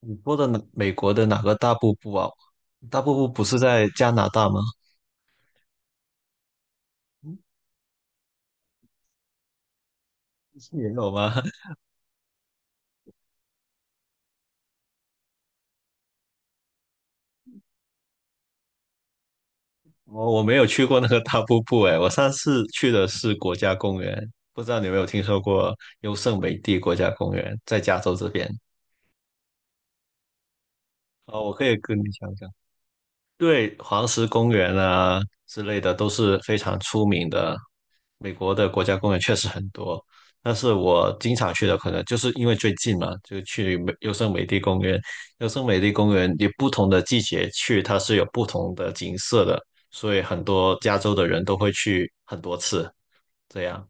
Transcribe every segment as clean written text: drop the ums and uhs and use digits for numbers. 你说的哪美国的哪个大瀑布啊？大瀑布不是在加拿大吗？嗯，是也有吗？我没有去过那个大瀑布哎，我上次去的是国家公园，不知道你有没有听说过优胜美地国家公园，在加州这边。啊，我可以跟你讲讲。对，黄石公园啊之类的都是非常出名的。美国的国家公园确实很多，但是我经常去的可能就是因为最近嘛，就去优胜美地公园。优胜美地公园你不同的季节去，它是有不同的景色的，所以很多加州的人都会去很多次。这样，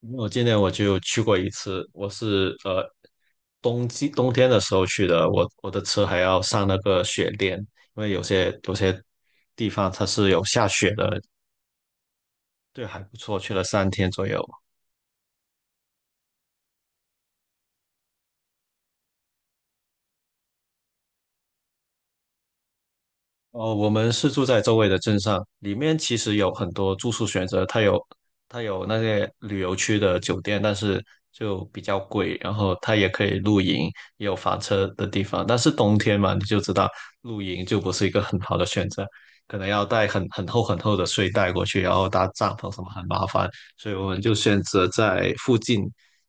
因为我今年我就去过一次，我是冬天的时候去的，我的车还要上那个雪链，因为有些地方它是有下雪的，对，还不错，去了3天左右。哦，我们是住在周围的镇上，里面其实有很多住宿选择，它有那些旅游区的酒店，但是就比较贵，然后它也可以露营，也有房车的地方，但是冬天嘛，你就知道露营就不是一个很好的选择，可能要带很厚很厚的睡袋过去，然后搭帐篷什么很麻烦，所以我们就选择在附近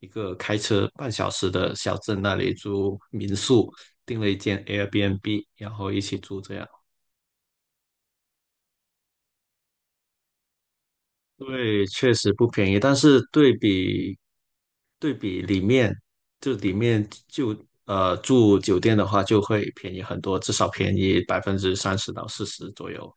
一个开车半小时的小镇那里租民宿，订了一间 Airbnb，然后一起住这样。对，确实不便宜，但是对比里面，就里面就住酒店的话，就会便宜很多，至少便宜30%到40%左右。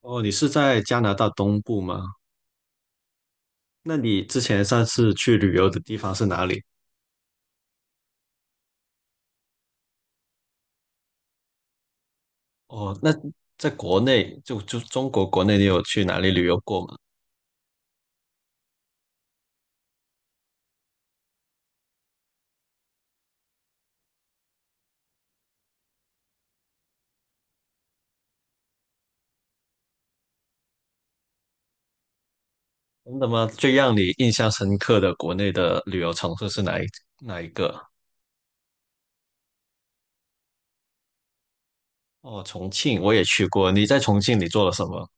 哦，你是在加拿大东部吗？那你之前上次去旅游的地方是哪里？哦，那在国内，就中国国内，你有去哪里旅游过吗？真的吗？最让你印象深刻的国内的旅游城市是哪一个？哦，重庆我也去过，你在重庆你做了什么？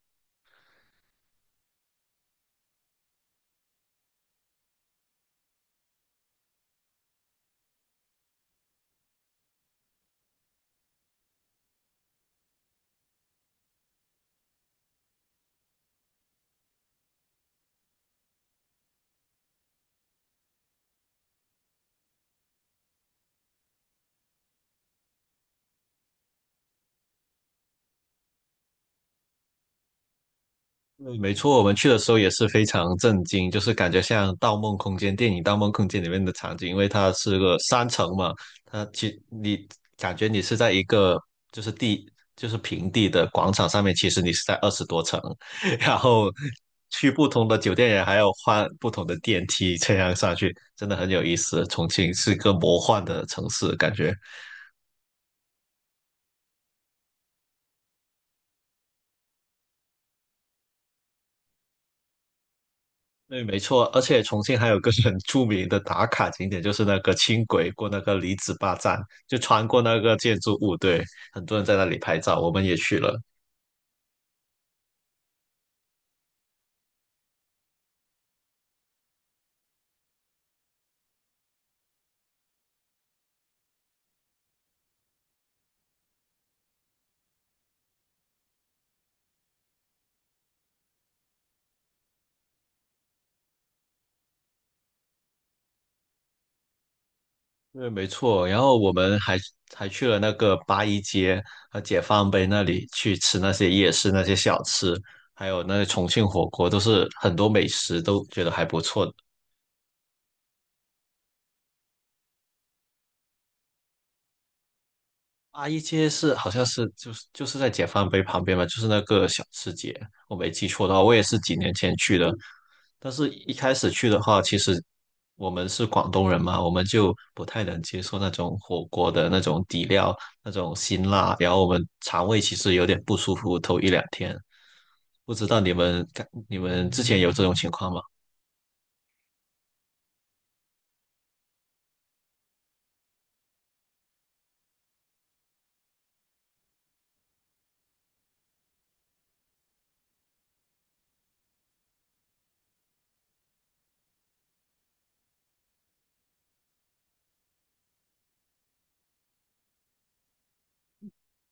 对，没错，我们去的时候也是非常震惊，就是感觉像《盗梦空间》电影《盗梦空间》里面的场景，因为它是个3层嘛，你感觉你是在一个就是地就是平地的广场上面，其实你是在20多层，然后去不同的酒店也还要换不同的电梯，这样上去真的很有意思。重庆是个魔幻的城市，感觉。对，没错，而且重庆还有个很著名的打卡景点，就是那个轻轨过那个李子坝站，就穿过那个建筑物，对，很多人在那里拍照，我们也去了。对，没错，然后我们还去了那个八一街和解放碑那里去吃那些夜市那些小吃，还有那些重庆火锅，都是很多美食都觉得还不错，阿姨街是好像是就是在解放碑旁边嘛，就是那个小吃街，我没记错的话，我也是几年前去的。但是一开始去的话，其实我们是广东人嘛，我们就不太能接受那种火锅的那种底料、那种辛辣，然后我们肠胃其实有点不舒服，头一两天。不知道你们之前有这种情况吗？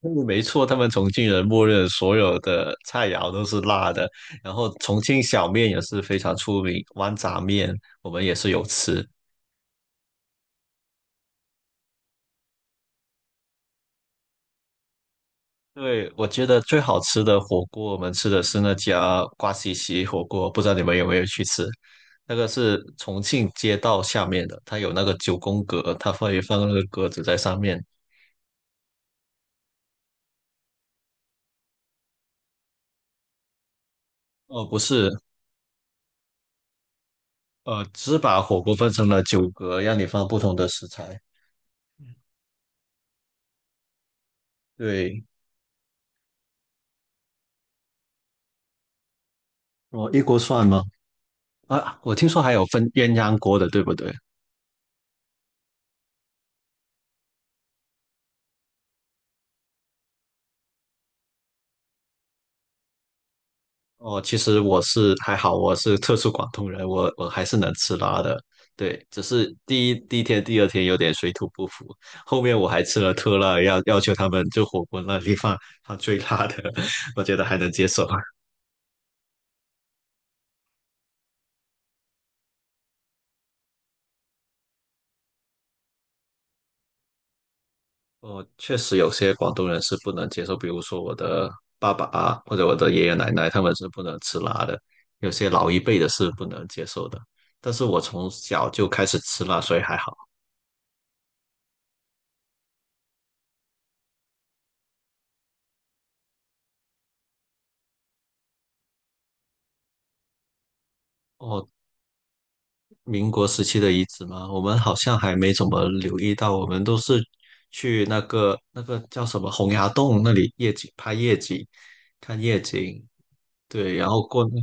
嗯没错，他们重庆人默认所有的菜肴都是辣的，然后重庆小面也是非常出名，豌杂面我们也是有吃。对，我觉得最好吃的火锅，我们吃的是那家瓜西西火锅，不知道你们有没有去吃？那个是重庆街道下面的，它有那个九宫格，它会放那个格子在上面。哦，不是，只把火锅分成了9格，让你放不同的食材。对，哦，一锅涮吗？啊，我听说还有分鸳鸯锅的，对不对？哦，其实我是还好，我是特殊广东人，我还是能吃辣的。对，只是第一天、第二天有点水土不服，后面我还吃了特辣，要求他们就火锅那地方放最辣的，我觉得还能接受。哦，确实有些广东人是不能接受，比如说我的爸爸啊，或者我的爷爷奶奶，他们是不能吃辣的，有些老一辈的是不能接受的。但是我从小就开始吃辣，所以还好。哦，民国时期的遗址吗？我们好像还没怎么留意到，我们都是去那个那个叫什么洪崖洞那里夜景拍夜景，看夜景。对，然后过那，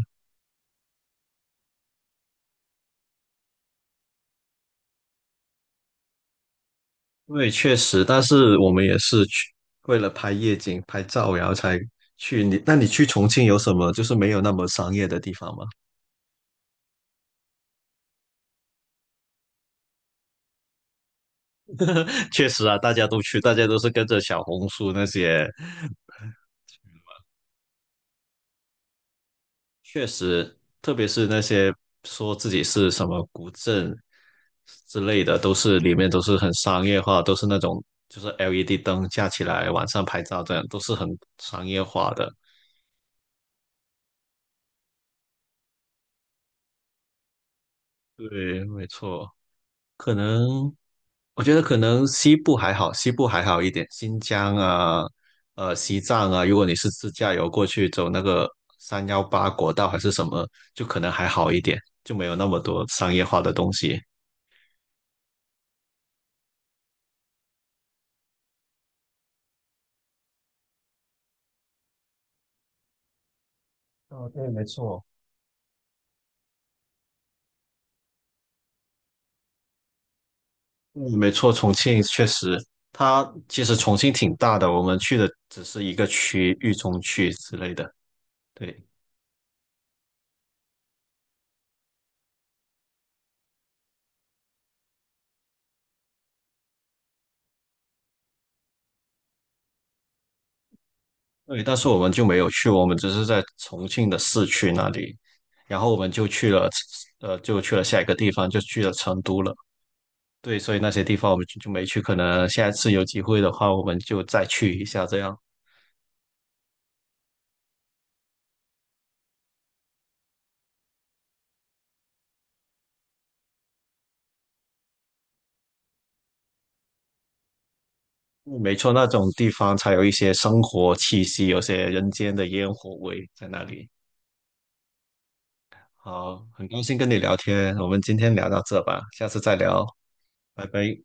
因为确实，但是我们也是去为了拍夜景拍照，然后才去你。那你去重庆有什么就是没有那么商业的地方吗？确实啊，大家都去，大家都是跟着小红书那些确实，特别是那些说自己是什么古镇之类的，都是里面都是很商业化，都是那种就是 LED 灯架起来晚上拍照这样，都是很商业化的。对，没错，可能我觉得可能西部还好，西部还好一点，新疆啊，西藏啊，如果你是自驾游过去走那个318国道还是什么，就可能还好一点，就没有那么多商业化的东西。哦，对，没错。嗯，没错，重庆确实，它其实重庆挺大的，我们去的只是一个区，域中区之类的，对对，但是我们就没有去，我们只是在重庆的市区那里，然后我们就去了，就去了下一个地方，就去了成都了，对，所以那些地方我们就没去，可能下一次有机会的话，我们就再去一下这样。嗯没错，那种地方才有一些生活气息，有些人间的烟火味在那里。好，很高兴跟你聊天，我们今天聊到这吧，下次再聊，拜拜。